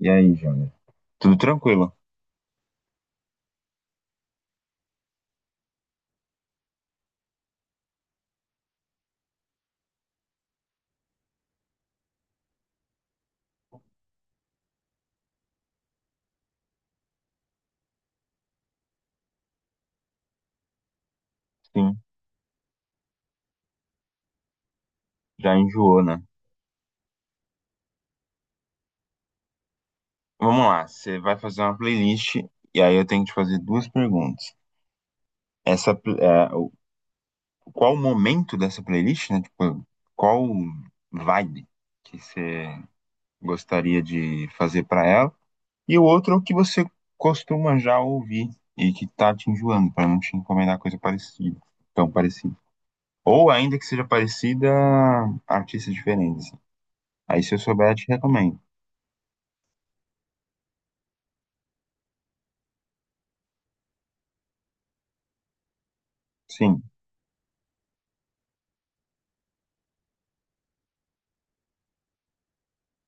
E aí, Júnior? Tudo tranquilo? Sim, já enjoou, né? Vamos lá, você vai fazer uma playlist e aí eu tenho que te fazer duas perguntas. Essa, pl- é, o- Qual o momento dessa playlist, né? Tipo, qual vibe que você gostaria de fazer pra ela? E o outro é o que você costuma já ouvir e que tá te enjoando, pra não te encomendar coisa parecida, tão parecida. Ou ainda que seja parecida, artistas diferentes, assim. Aí se eu souber, eu te recomendo. Sim,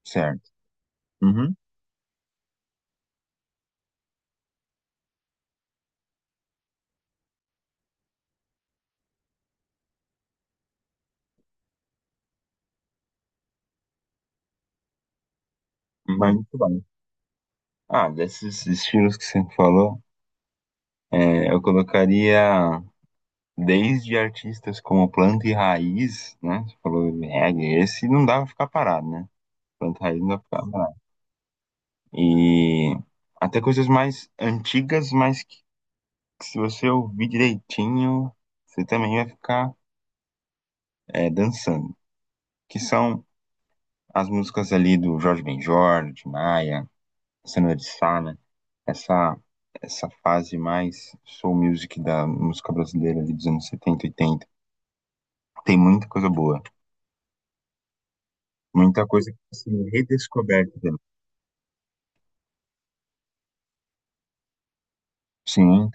certo. Uhum, muito bem. Ah, desses estilos que você falou, eu colocaria desde artistas como Planta e Raiz, né? Você falou reggae, esse não dá pra ficar parado, né? Planta e Raiz não dá pra ficar parado. E até coisas mais antigas, mas que se você ouvir direitinho, você também vai ficar dançando. Que são as músicas ali do Jorge Ben Jor, de Maia, Sandra de Sá, né? essa essa fase mais soul music da música brasileira ali dos anos 70, 80. Tem muita coisa boa, muita coisa que tá sendo redescoberta, né? Sim,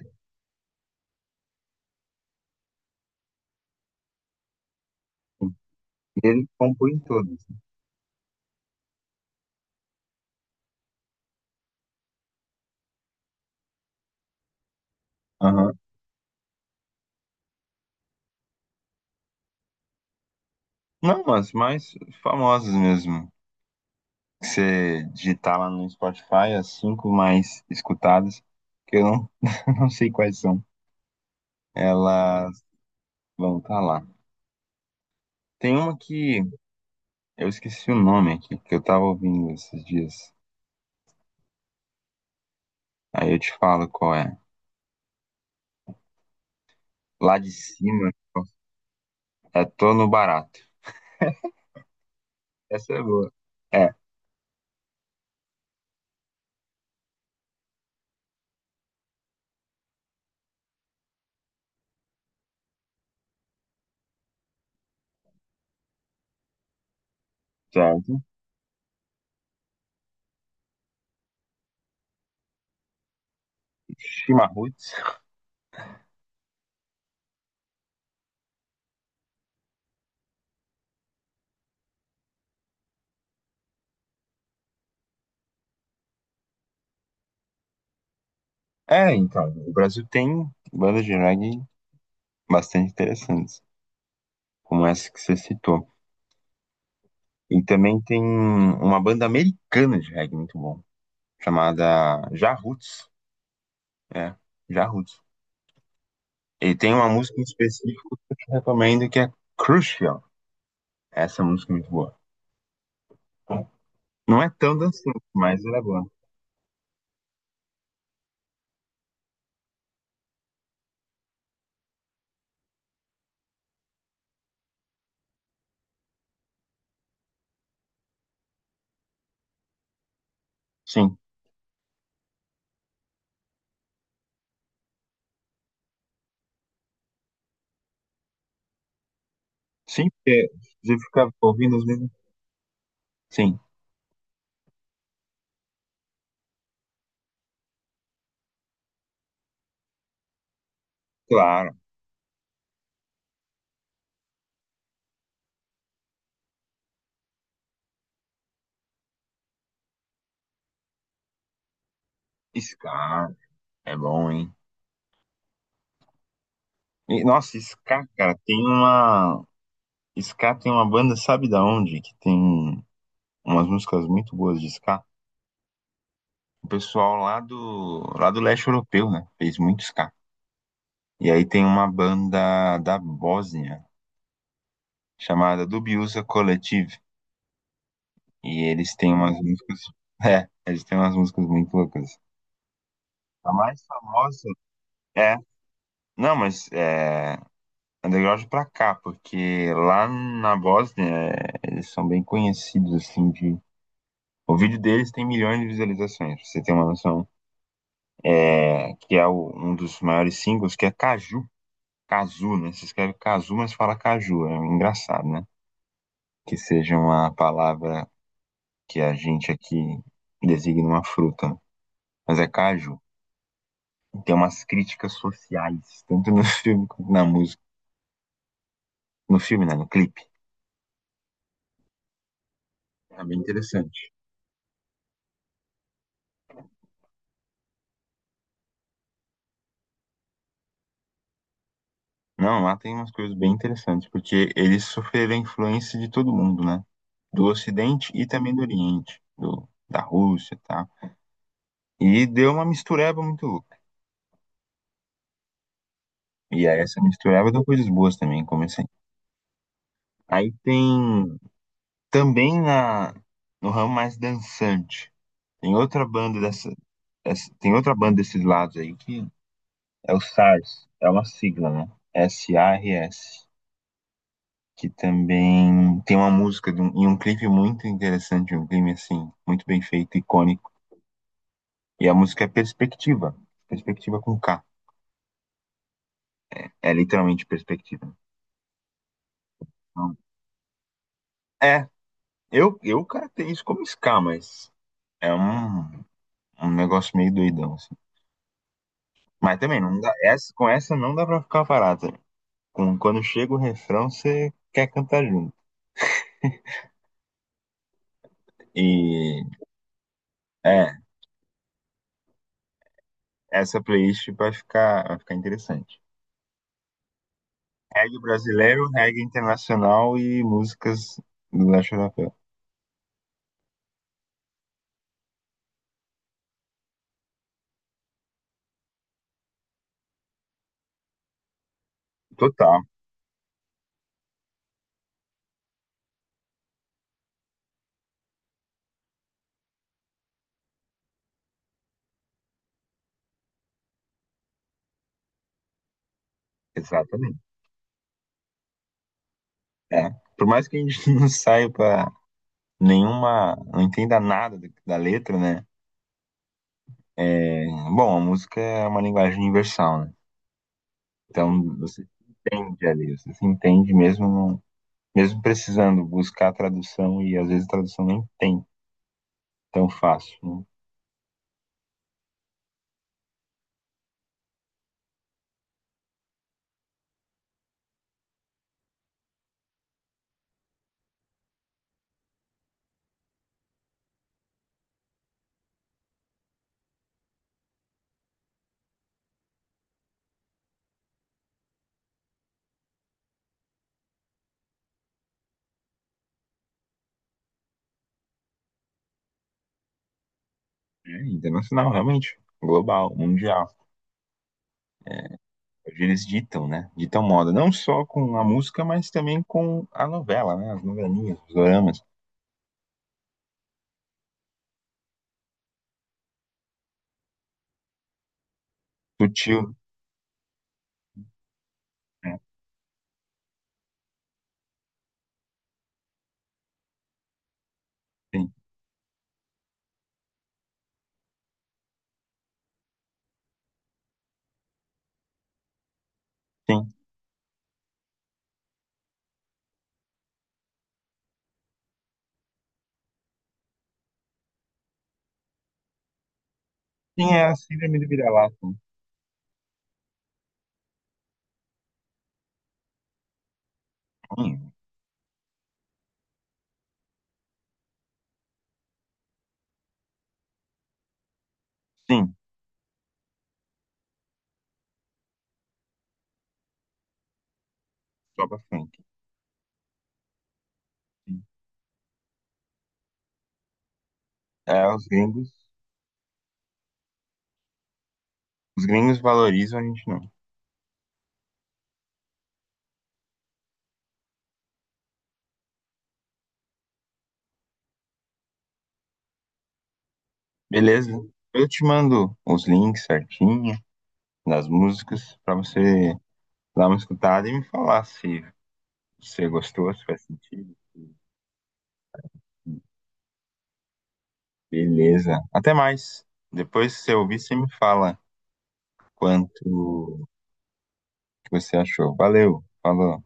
ele compõe todas. Aham. Não, as mais famosas mesmo. Você digitar lá no Spotify as cinco mais escutadas, que eu não, não sei quais são. Elas vão estar lá. Tem uma que eu esqueci o nome aqui, que eu tava ouvindo esses dias. Aí eu te falo qual é. Lá de cima, tô no barato. Essa é boa. É, certo. Chimarruts. Então, o Brasil tem bandas de reggae bastante interessantes, como essa que você citou. E também tem uma banda americana de reggae muito bom, chamada Jarruts. É, Jarruts. E tem uma música em específico que eu te recomendo que é Crucial. Essa música é muito boa. Não é tão dançante, mas ela é boa. Sim. Sim, porque você fica ouvindo os mesmos. Sim. Claro. Scar é bom, hein? E, nossa, Scar, cara, tem uma. Scar tem uma banda, sabe da onde? Que tem umas músicas muito boas de Scar. O pessoal lá do leste europeu, né? Fez muito Scar. E aí tem uma banda da Bósnia chamada Dubiosa Collective. E eles têm umas músicas. É, eles têm umas músicas muito loucas. A mais famosa é. Não, mas é. Underground pra cá, porque lá na Bósnia é, eles são bem conhecidos, assim, de... O vídeo deles tem milhões de visualizações, pra você ter uma noção. Um dos maiores singles, que é Caju. Cazu, né? Se escreve Cazu, mas fala Caju. É engraçado, né? Que seja uma palavra que a gente aqui designa uma fruta, né? Mas é Caju. E tem umas críticas sociais, tanto no filme quanto na música. No filme, né? No clipe. É bem interessante. Não, lá tem umas coisas bem interessantes, porque eles sofreram a influência de todo mundo, né? Do Ocidente e também do Oriente, da Rússia, tá? E deu uma mistureba muito louca. E aí essa mistureba deu coisas boas também, como assim? Aí tem também na no ramo mais dançante, tem outra banda dessa, tem outra banda desses lados aí que é o SARS, é uma sigla, né? S-A-R-S, que também tem uma música e um clipe muito interessante, um clipe assim, muito bem feito, icônico. E a música é Perspectiva, Perspectiva com K. É literalmente Perspectiva. Então, é, eu caracterizo isso como ska, mas é um negócio meio doidão, assim. Mas também, não dá, com essa não dá pra ficar parado. Quando chega o refrão, você quer cantar junto. E é, essa playlist vai ficar interessante. Reggae brasileiro, reggae internacional e músicas do Léo Xarapé. Total, exatamente. É. Por mais que a gente não saia pra nenhuma, não entenda nada da letra, né? É, bom, a música é uma linguagem universal, né? Então você se entende ali, você se entende mesmo, mesmo precisando buscar a tradução e às vezes a tradução nem tem tão fácil, né? É internacional, realmente. Global, mundial. Eles ditam, né? Ditam moda, não só com a música, mas também com a novela, né? As novelinhas, os doramas, sutil, né? Sim, sim. Sim, é a síndrome do vira-lata, né? Sim, sim, sopa funk. Sim. É, os gringos valorizam, a gente não. Beleza? Eu te mando os links certinho das músicas pra você dar uma escutada e me falar se você gostou, se faz sentido. Beleza. Até mais. Depois, se você ouvir, você me fala quanto que você achou. Valeu, falou.